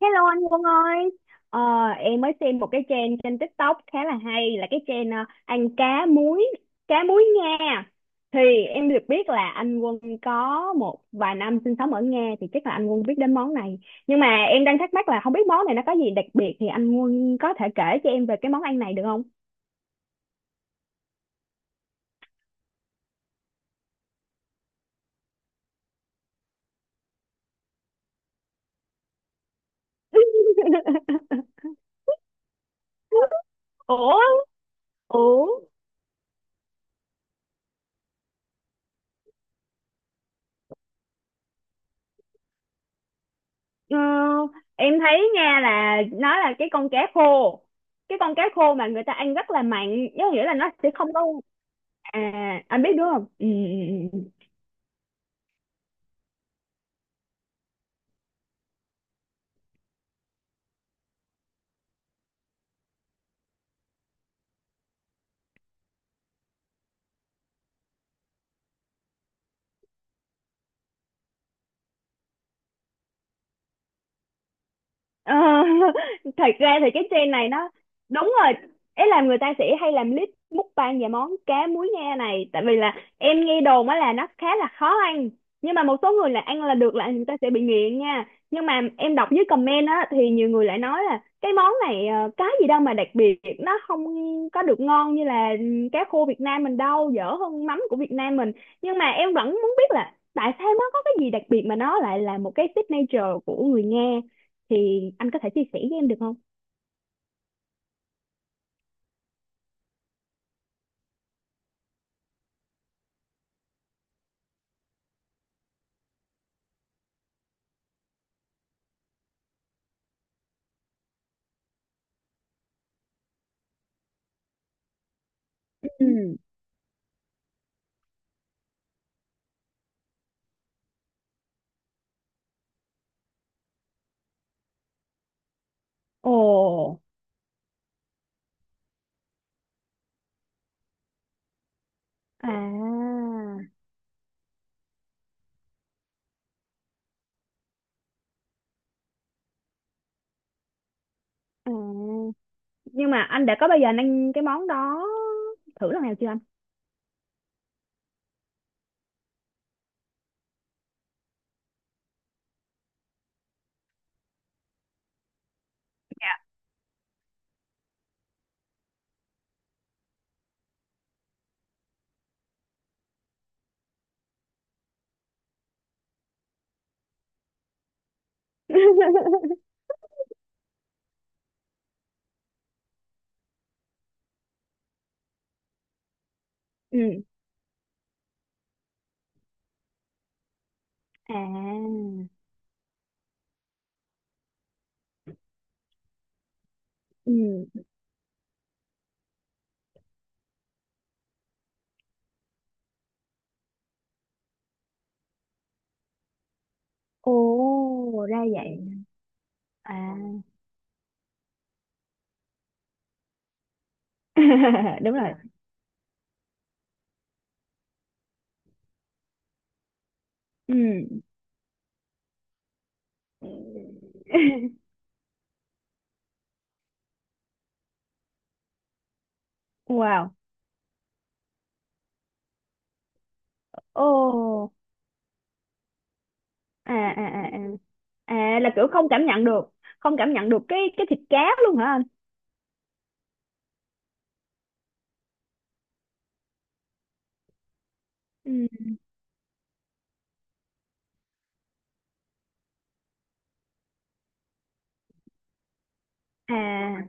Hello anh Quân ơi, ờ, em mới xem một cái trend trên TikTok khá là hay là cái trend ăn cá muối Nga. Thì em được biết là anh Quân có một vài năm sinh sống ở Nga thì chắc là anh Quân biết đến món này. Nhưng mà em đang thắc mắc là không biết món này nó có gì đặc biệt thì anh Quân có thể kể cho em về cái món ăn này được không? Ủa, ủa, ờ, em thấy nha là nó là cái con cá khô, cái con cá khô mà người ta ăn rất là mặn, có nghĩa là nó sẽ không có. À, anh biết đúng không? Ừ, ừ, ừ. Ừ. Ờ, thật ra thì cái trend này nó đúng rồi, ý là người ta sẽ hay làm clip mukbang về món cá muối nghe này, tại vì là em nghe đồn á là nó khá là khó ăn, nhưng mà một số người là ăn là được là người ta sẽ bị nghiện nha. Nhưng mà em đọc dưới comment á thì nhiều người lại nói là cái món này cái gì đâu mà đặc biệt, nó không có được ngon như là cá khô Việt Nam mình, đâu dở hơn mắm của Việt Nam mình. Nhưng mà em vẫn muốn biết là tại sao nó có cái gì đặc biệt mà nó lại là một cái signature của người Nga, thì anh có thể chia sẻ với em được không? Ừ. Ồ. À, à. Nhưng mà anh đã có bao giờ anh ăn cái món đó thử lần nào chưa anh? Ừ. À. Ừ. Ồ, ra vậy. À. Đúng rồi. Ừ. Wow. Ồ. À à à à. À, là kiểu không cảm nhận được, không cảm nhận được cái thịt cá luôn hả anh? Ừ. À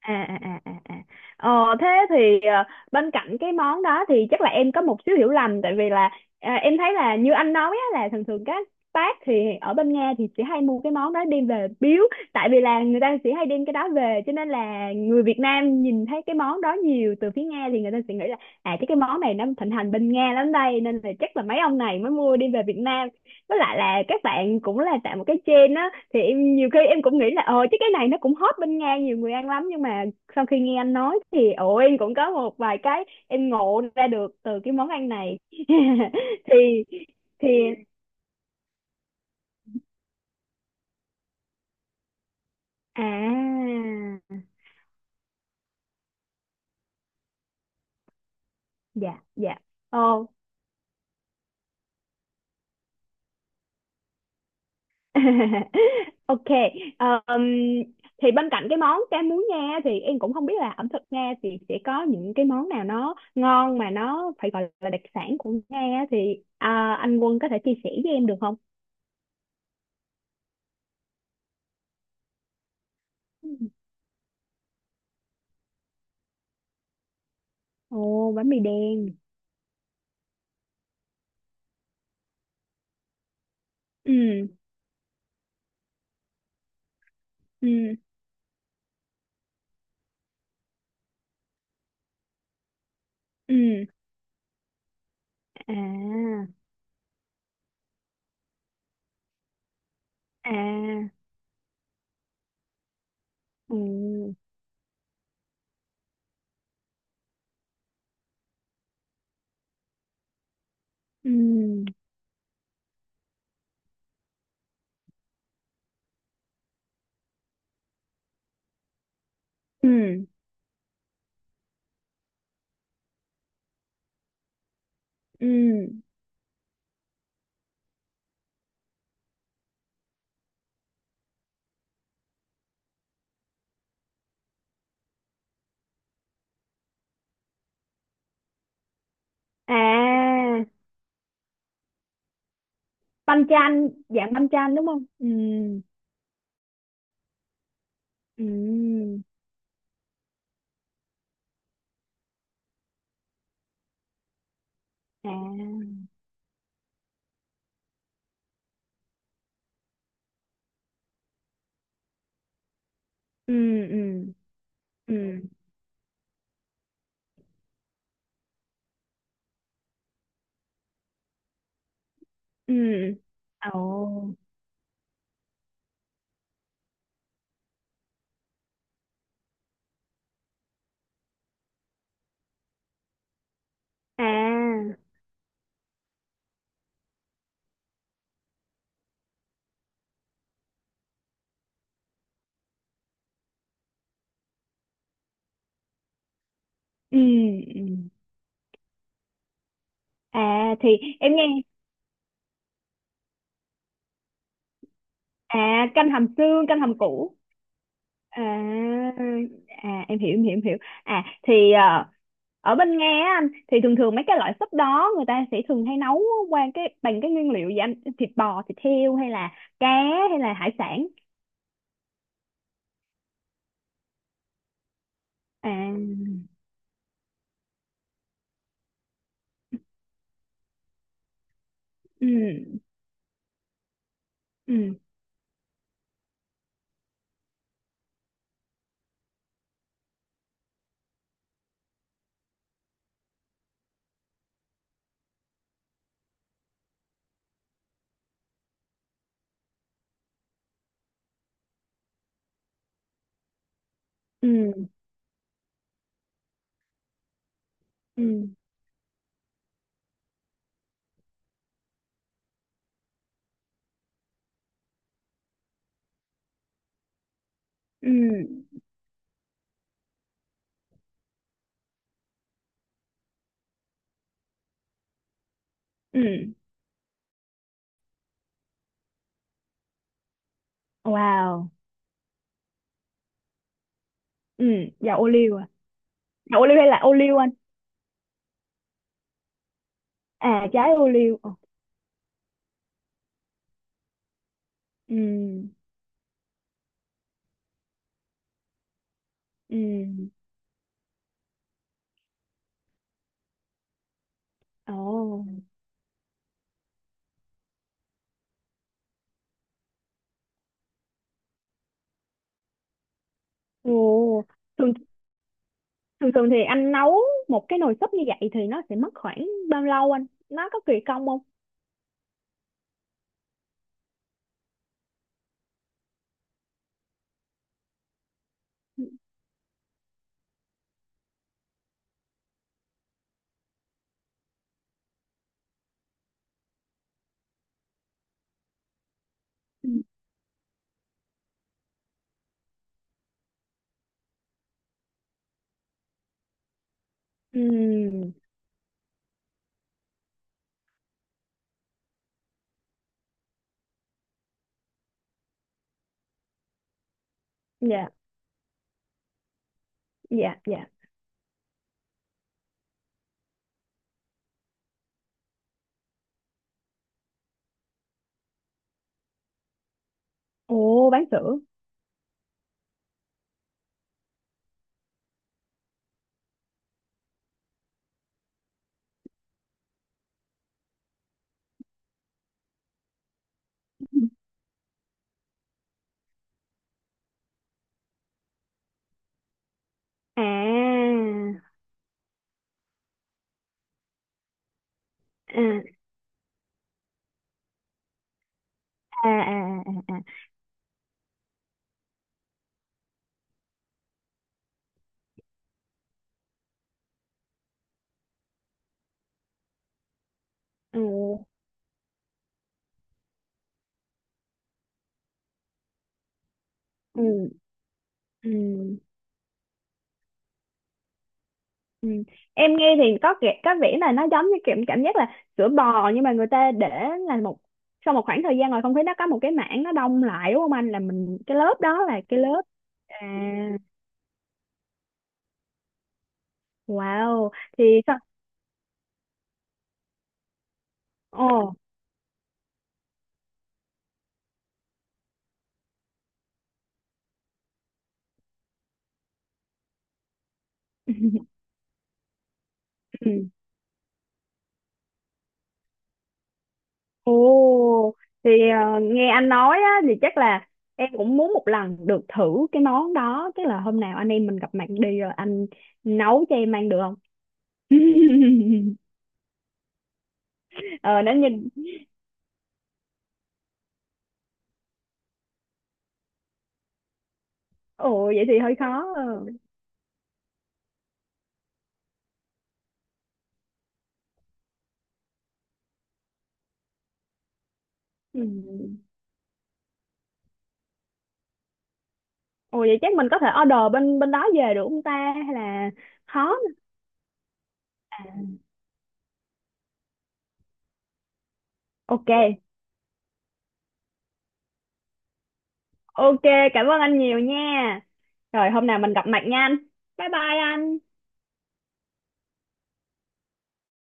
à à à à à. Thế thì bên cạnh cái món đó thì chắc là em có một xíu hiểu lầm, tại vì là em thấy là như anh nói á, là thường thường các bác thì ở bên Nga thì chỉ hay mua cái món đó đem về biếu, tại vì là người ta chỉ hay đem cái đó về, cho nên là người Việt Nam nhìn thấy cái món đó nhiều từ phía Nga thì người ta sẽ nghĩ là à chứ cái món này nó thịnh hành bên Nga lắm đây, nên là chắc là mấy ông này mới mua đem về Việt Nam. Với lại là các bạn cũng là tạo một cái trend á, thì em nhiều khi em cũng nghĩ là ờ chứ cái này nó cũng hot bên Nga, nhiều người ăn lắm. Nhưng mà sau khi nghe anh nói thì ồ, em cũng có một vài cái em ngộ ra được từ cái món ăn này. thì thì à Dạ, dạ. Ồ. Ok. Ờm, thì bên cạnh cái món cá muối Nga thì em cũng không biết là ẩm thực Nga thì sẽ có những cái món nào nó ngon mà nó phải gọi là đặc sản của Nga, thì anh Quân có thể chia sẻ với em được không? Ồ, bánh mì đen. Ừ, ừ, ừ. À, à, ừ, ừ, ừ, ừ. À, banh chan, dạng banh chan đúng không? Ừ, ừ, à, ừ, ừ, ừ, ừ. Ồ, à, ừ, ừ. À, thì em nghe. À, canh hầm xương, canh hầm củ. À. À em hiểu, em hiểu, em hiểu. À thì ở bên Nga á anh, thì thường thường mấy cái loại súp đó người ta sẽ thường hay nấu qua cái bằng cái nguyên liệu gì anh, thịt bò, thịt heo hay là cá hay là hải sản? À. Ừ, ừ, ừ, ừ, ừ, ừ. Wow. Ừ. Dầu ô liu à? Dầu ô liu hay là ô liu anh? À, trái ô liu. Ồ. Ừ, ừ. Ồ. Ồ, thường thường thường thì anh nấu một cái nồi súp như vậy thì nó sẽ mất khoảng bao lâu anh? Nó có kỳ công không? Ừ. Ừ, dạ, dạ, dạ. Ồ, bán sữa. À, à, à, à, à, à. Ừ, ừ, ừ. Em nghe thì có kẻ- có vẻ là nó giống như kiểu cảm giác là sữa bò, nhưng mà người ta để là một sau một khoảng thời gian rồi không thấy, nó có một cái mảng nó đông lại đúng không anh, là mình cái lớp đó là cái lớp. À. Wow. thì Ồ. Ừ. Ồ. Thì ờ, nghe anh nói á thì chắc là em cũng muốn một lần được thử cái món đó, chắc là hôm nào anh em mình gặp mặt đi rồi anh nấu cho em ăn được không? Ờ nó nhìn. Ồ vậy thì hơi khó ờ. Ừ. Ồ vậy chắc mình có thể order bên bên đó về được không ta, hay là khó? Ok. Ok. Cảm ơn anh nhiều nha. Rồi hôm nào mình gặp mặt nha anh. Bye bye anh.